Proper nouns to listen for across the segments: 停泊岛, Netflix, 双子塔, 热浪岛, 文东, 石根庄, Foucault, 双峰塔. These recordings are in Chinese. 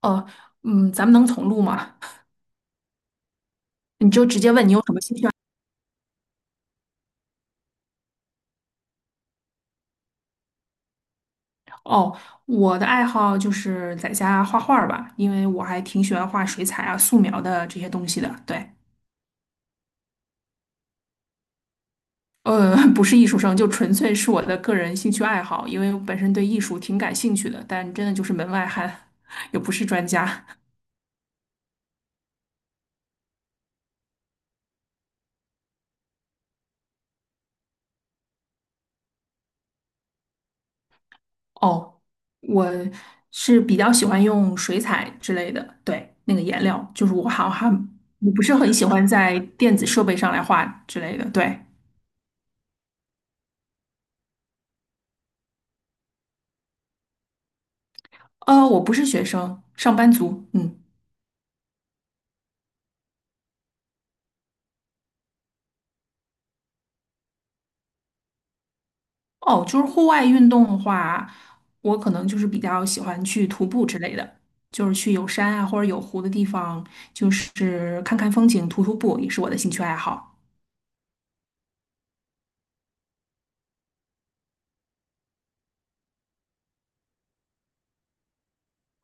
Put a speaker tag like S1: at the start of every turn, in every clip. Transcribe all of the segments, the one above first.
S1: 哦，咱们能重录吗？你就直接问你有什么兴趣爱好？哦，我的爱好就是在家画画儿吧，因为我还挺喜欢画水彩啊、素描的这些东西的。对，不是艺术生，就纯粹是我的个人兴趣爱好，因为我本身对艺术挺感兴趣的，但真的就是门外汉，也不是专家。哦，我是比较喜欢用水彩之类的，对，那个颜料，就是我好像还我不是很喜欢在电子设备上来画之类的，对。我不是学生，上班族。嗯，哦，就是户外运动的话，我可能就是比较喜欢去徒步之类的，就是去有山啊或者有湖的地方，就是看看风景、徒步也是我的兴趣爱好。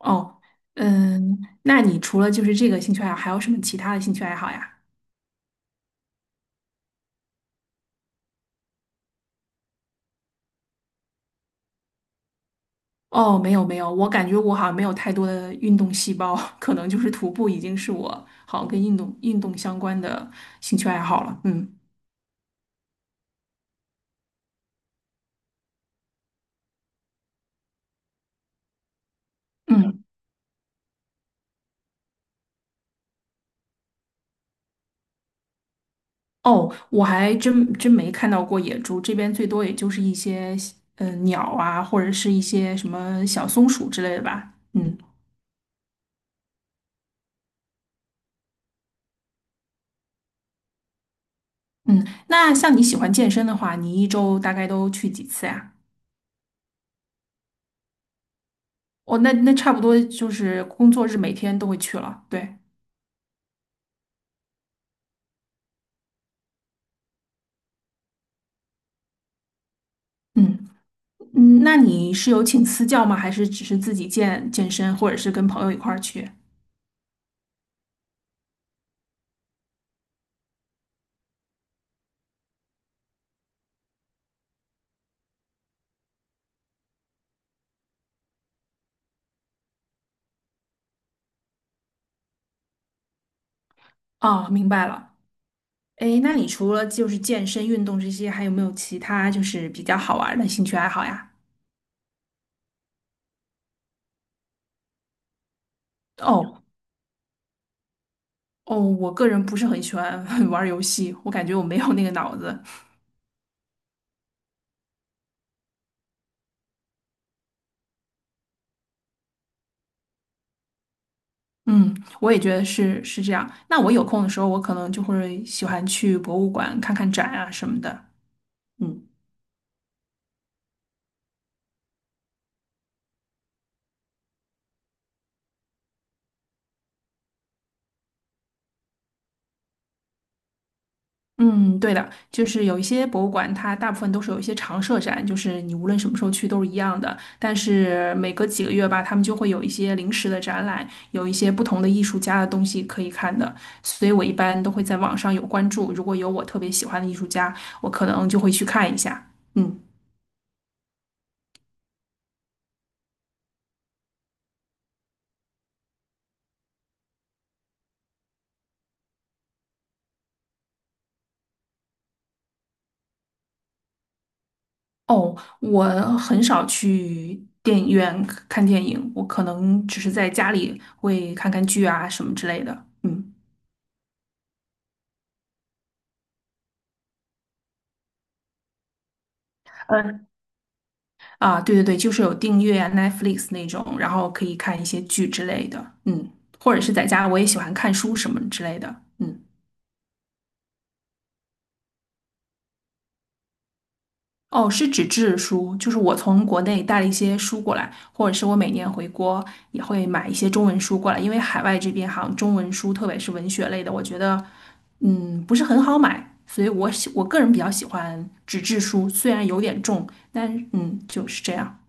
S1: 哦，嗯，那你除了就是这个兴趣爱好，还有什么其他的兴趣爱好呀？哦，没有没有，我感觉我好像没有太多的运动细胞，可能就是徒步已经是我好像跟运动相关的兴趣爱好了。嗯嗯。哦，我还真真没看到过野猪，这边最多也就是一些鸟啊，或者是一些什么小松鼠之类的吧。嗯嗯，那像你喜欢健身的话，你一周大概都去几次呀？哦，那差不多就是工作日每天都会去了。对，嗯嗯，那你是有请私教吗？还是只是自己健健身，或者是跟朋友一块儿去？哦，明白了。诶，那你除了就是健身运动这些，还有没有其他就是比较好玩儿的兴趣爱好呀？哦，哦，我个人不是很喜欢 玩儿游戏，我感觉我没有那个脑子。嗯，我也觉得是这样。那我有空的时候，我可能就会喜欢去博物馆看看展啊什么的。嗯嗯，对的，就是有一些博物馆，它大部分都是有一些常设展，就是你无论什么时候去都是一样的。但是每隔几个月吧，他们就会有一些临时的展览，有一些不同的艺术家的东西可以看的。所以我一般都会在网上有关注，如果有我特别喜欢的艺术家，我可能就会去看一下。嗯。哦，我很少去电影院看电影，我可能只是在家里会看看剧啊什么之类的。嗯，嗯，啊，对对对，就是有订阅啊 Netflix 那种，然后可以看一些剧之类的。嗯，或者是在家，我也喜欢看书什么之类的。嗯。哦，是纸质书，就是我从国内带了一些书过来，或者是我每年回国也会买一些中文书过来，因为海外这边好像中文书，特别是文学类的，我觉得不是很好买，所以我个人比较喜欢纸质书，虽然有点重，但就是这样。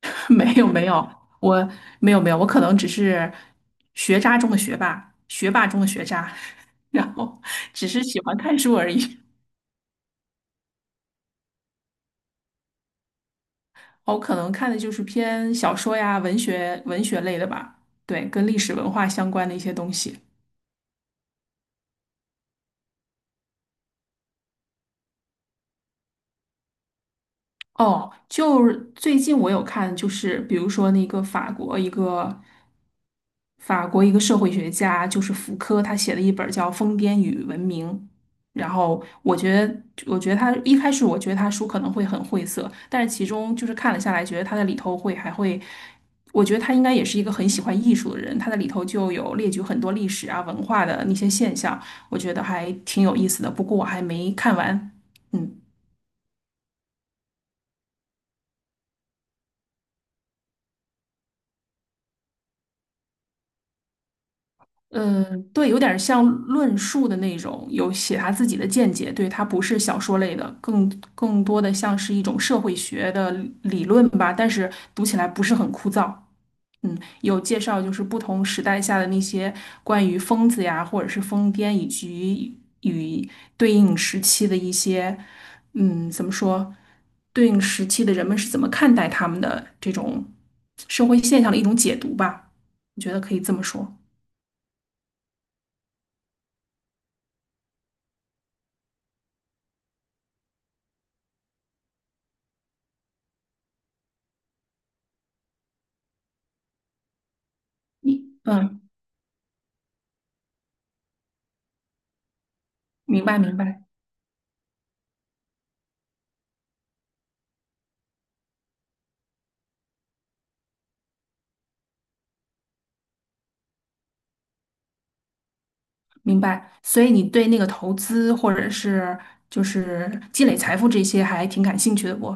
S1: 没有没有，我没有没有，我可能只是学渣中的学霸，学霸中的学渣，然后只是喜欢看书而已。我可能看的就是偏小说呀、文学、文学类的吧，对，跟历史文化相关的一些东西。哦，就是最近我有看，就是比如说法国一个社会学家，就是福柯，他写了一本叫《疯癫与文明》。然后我觉得他一开始我觉得他书可能会很晦涩，但是其中就是看了下来，觉得他在里头会还会，我觉得他应该也是一个很喜欢艺术的人，他在里头就有列举很多历史啊、文化的那些现象，我觉得还挺有意思的。不过我还没看完，嗯。嗯，对，有点像论述的那种，有写他自己的见解，对，它不是小说类的，更多的像是一种社会学的理论吧，但是读起来不是很枯燥。嗯，有介绍就是不同时代下的那些关于疯子呀，或者是疯癫，以及与对应时期的一些，怎么说，对应时期的人们是怎么看待他们的这种社会现象的一种解读吧，我觉得可以这么说。你嗯。明白，明白，明白。所以你对那个投资或者是就是积累财富这些还挺感兴趣的不？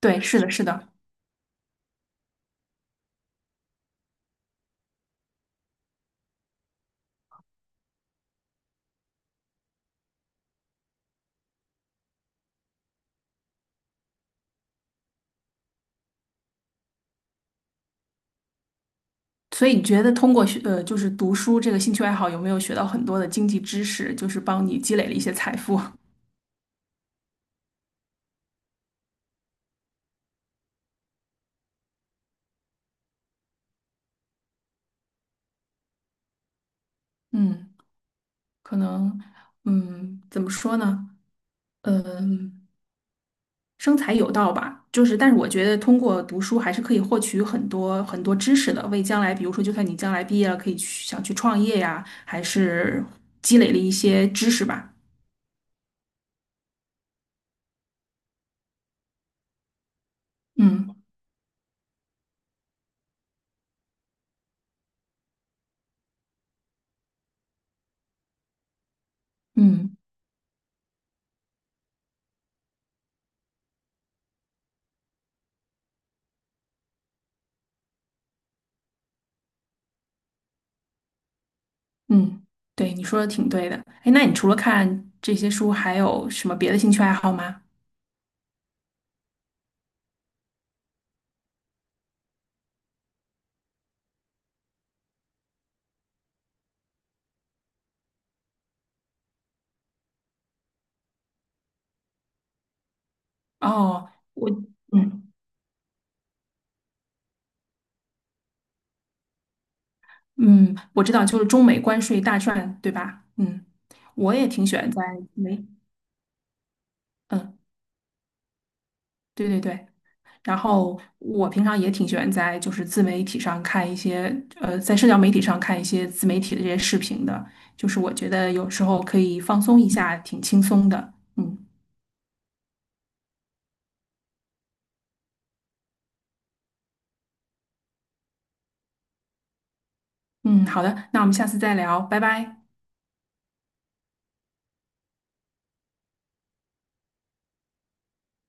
S1: 对，是的，是的。所以你觉得通过就是读书这个兴趣爱好，有没有学到很多的经济知识，就是帮你积累了一些财富？嗯，可能，怎么说呢？嗯。生财有道吧，就是，但是我觉得通过读书还是可以获取很多很多知识的，为将来，比如说，就算你将来毕业了，可以去想去创业呀，还是积累了一些知识吧。嗯嗯嗯，对，你说的挺对的。哎，那你除了看这些书，还有什么别的兴趣爱好吗？哦，我嗯嗯，我知道，就是中美关税大战，对吧？嗯，我也挺喜欢在美，嗯，对对对。然后我平常也挺喜欢在就是自媒体上看一些，在社交媒体上看一些自媒体的这些视频的，就是我觉得有时候可以放松一下，挺轻松的。嗯嗯，好的，那我们下次再聊，拜拜。